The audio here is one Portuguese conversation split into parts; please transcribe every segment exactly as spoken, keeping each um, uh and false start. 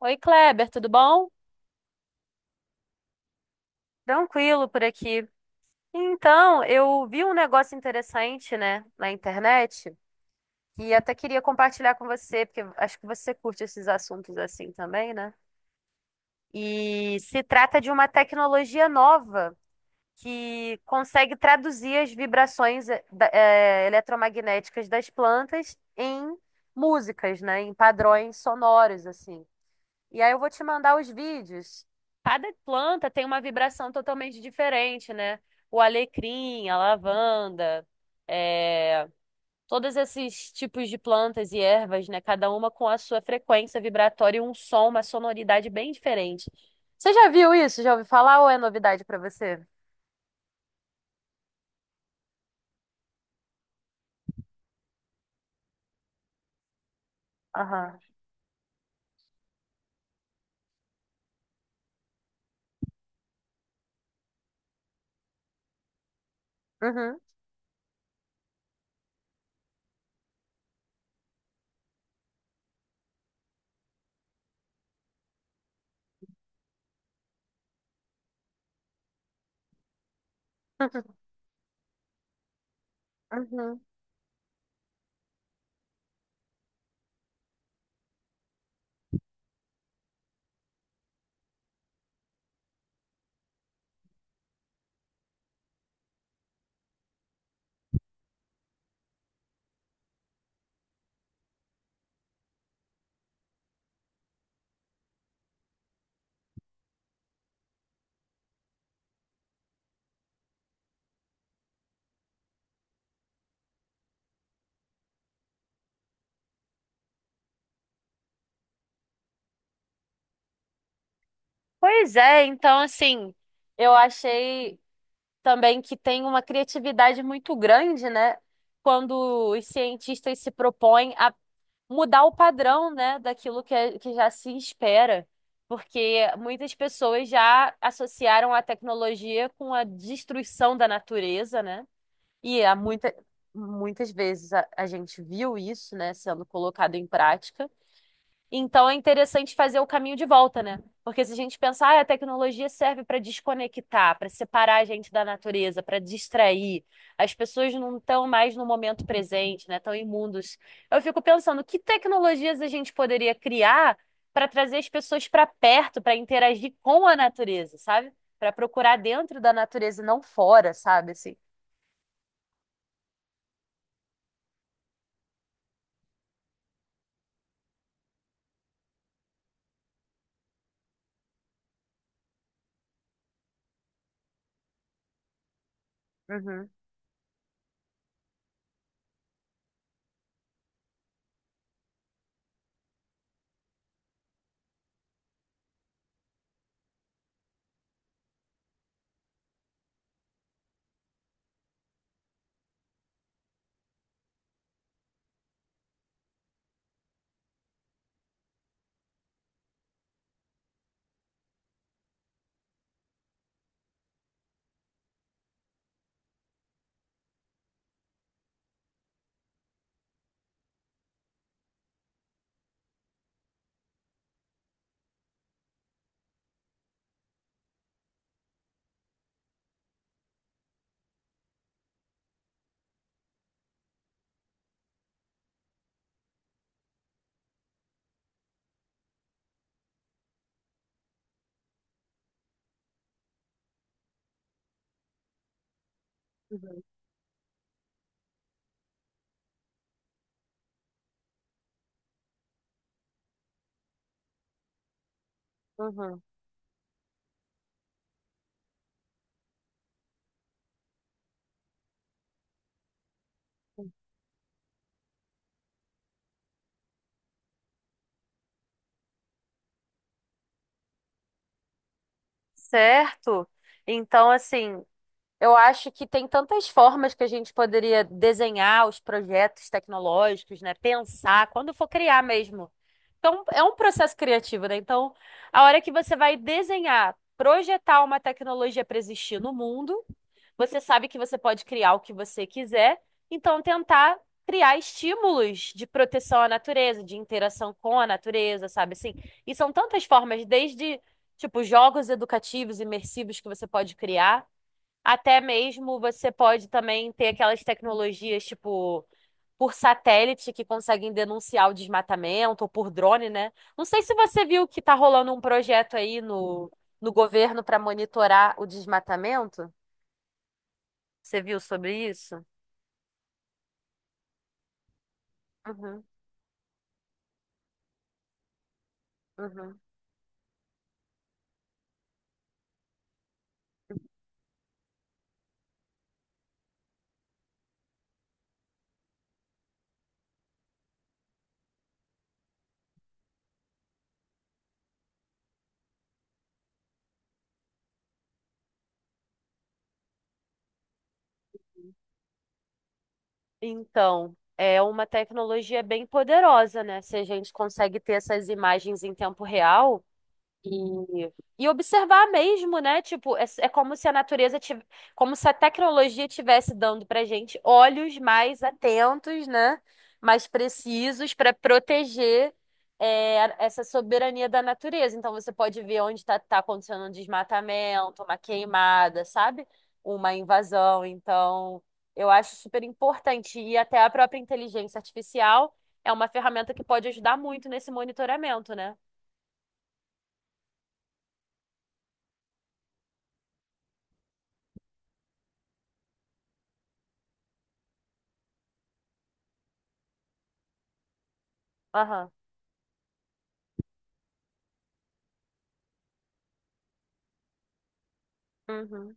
Oi, Kleber, tudo bom? Tranquilo por aqui. Então, eu vi um negócio interessante, né, na internet e até queria compartilhar com você, porque acho que você curte esses assuntos assim também, né? E se trata de uma tecnologia nova que consegue traduzir as vibrações eh, da- eh, eletromagnéticas das plantas em músicas, né, em padrões sonoros, assim. E aí eu vou te mandar os vídeos. Cada planta tem uma vibração totalmente diferente, né? O alecrim, a lavanda, é, todos esses tipos de plantas e ervas, né? Cada uma com a sua frequência vibratória e um som, uma sonoridade bem diferente. Você já viu isso? Já ouviu falar ou é novidade para você? Aham. Uhum. Uhum. Pois é, então assim, eu achei também que tem uma criatividade muito grande, né? Quando os cientistas se propõem a mudar o padrão, né, daquilo que, é- que já se espera, porque muitas pessoas já associaram a tecnologia com a destruição da natureza, né? E há muita, muitas vezes a, a gente viu isso, né, sendo colocado em prática. Então é interessante fazer o caminho de volta, né? Porque se a gente pensar, ah, a tecnologia serve para desconectar, para separar a gente da natureza, para distrair, as pessoas não estão mais no momento presente, né? Estão imundos. Eu fico pensando, que tecnologias a gente poderia criar para trazer as pessoas para perto, para interagir com a natureza, sabe? Para procurar dentro da natureza e não fora, sabe? Assim. Uhum, uhum, uhum. Certo? Então, assim, eu acho que tem tantas formas que a gente poderia desenhar os projetos tecnológicos, né? Pensar, quando for criar mesmo. Então, é um processo criativo, né? Então, a hora que você vai desenhar, projetar uma tecnologia para existir no mundo, você sabe que você pode criar o que você quiser. Então, tentar criar estímulos de proteção à natureza, de interação com a natureza, sabe assim? E são tantas formas, desde, tipo, jogos educativos, imersivos que você pode criar. Até mesmo você pode também ter aquelas tecnologias, tipo, por satélite que conseguem denunciar o desmatamento, ou por drone, né? Não sei se você viu que tá rolando um projeto aí no, no governo para monitorar o desmatamento. Você viu sobre isso? Uhum, uhum. Então, é uma tecnologia bem poderosa, né? Se a gente consegue ter essas imagens em tempo real. E, e observar mesmo, né? Tipo, é, é como se a natureza tivesse, como se a tecnologia tivesse dando pra gente olhos mais atentos, né? Mais precisos para proteger é, essa soberania da natureza. Então você pode ver onde está acontecendo um desmatamento, uma queimada, sabe? Uma invasão. Então, eu acho super importante. E até a própria inteligência artificial é uma ferramenta que pode ajudar muito nesse monitoramento, né? Aham. Uhum.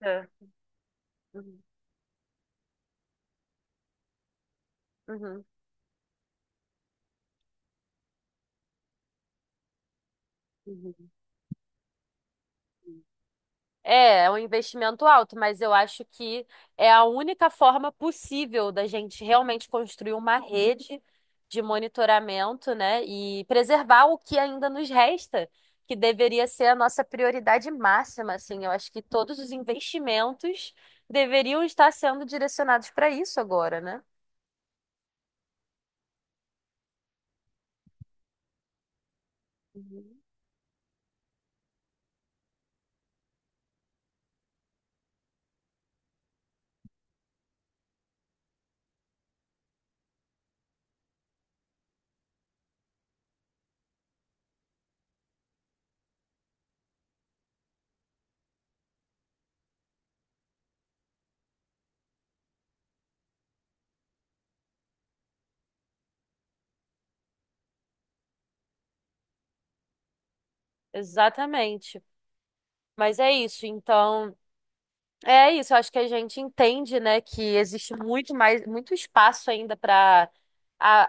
É. Uhum. Uhum. Uhum. É, é um investimento alto, mas eu acho que é a única forma possível da gente realmente construir uma rede de monitoramento, né, e preservar o que ainda nos resta, que deveria ser a nossa prioridade máxima, assim. Eu acho que todos os investimentos deveriam estar sendo direcionados para isso agora, né? Uhum. Exatamente. Mas é isso. Então, é isso, eu acho que a gente entende, né, que existe muito mais, muito espaço ainda para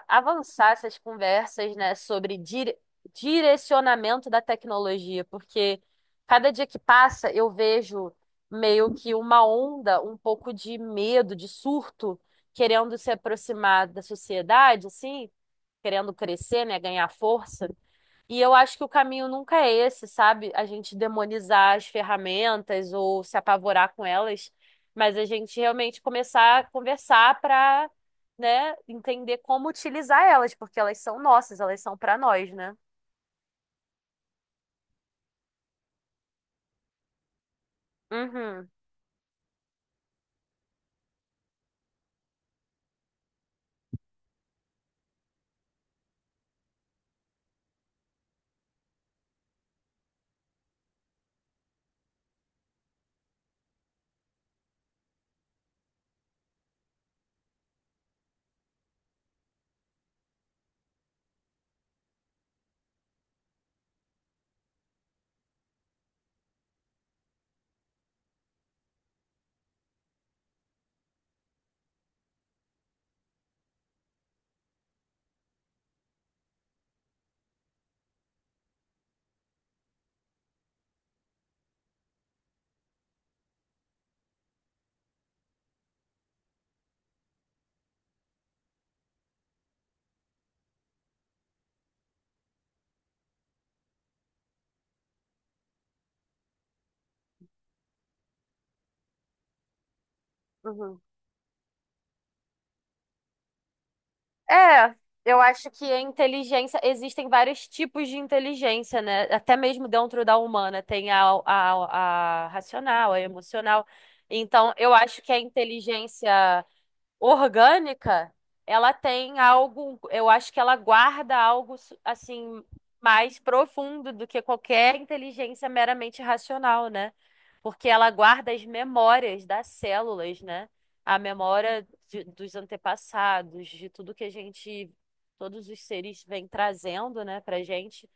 avançar essas conversas, né, sobre dire- direcionamento da tecnologia, porque cada dia que passa eu vejo meio que uma onda, um pouco de medo, de surto, querendo se aproximar da sociedade, assim, querendo crescer, né, ganhar força. E eu acho que o caminho nunca é esse, sabe? A gente demonizar as ferramentas ou se apavorar com elas, mas a gente realmente começar a conversar para, né, entender como utilizar elas, porque elas são nossas, elas são para nós, né? Uhum, uhum. É, eu acho que a inteligência, existem vários tipos de inteligência, né? Até mesmo dentro da humana, tem a, a, a racional, a emocional. Então, eu acho que a inteligência orgânica, ela tem algo, eu acho que ela guarda algo assim mais profundo do que qualquer inteligência meramente racional, né? Porque ela guarda as memórias das células, né? A memória de- dos antepassados, de tudo que a gente, todos os seres vêm trazendo, né, pra gente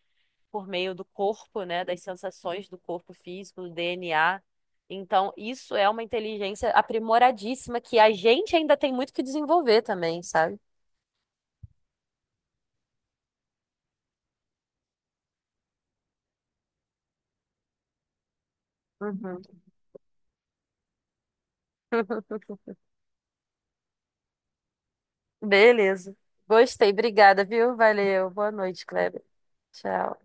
por meio do corpo, né, das sensações do corpo físico, do D N A. Então, isso é uma inteligência aprimoradíssima que a gente ainda tem muito que desenvolver também, sabe? Uhum. Beleza. Gostei, obrigada, viu? Valeu. Boa noite, Kleber. Tchau.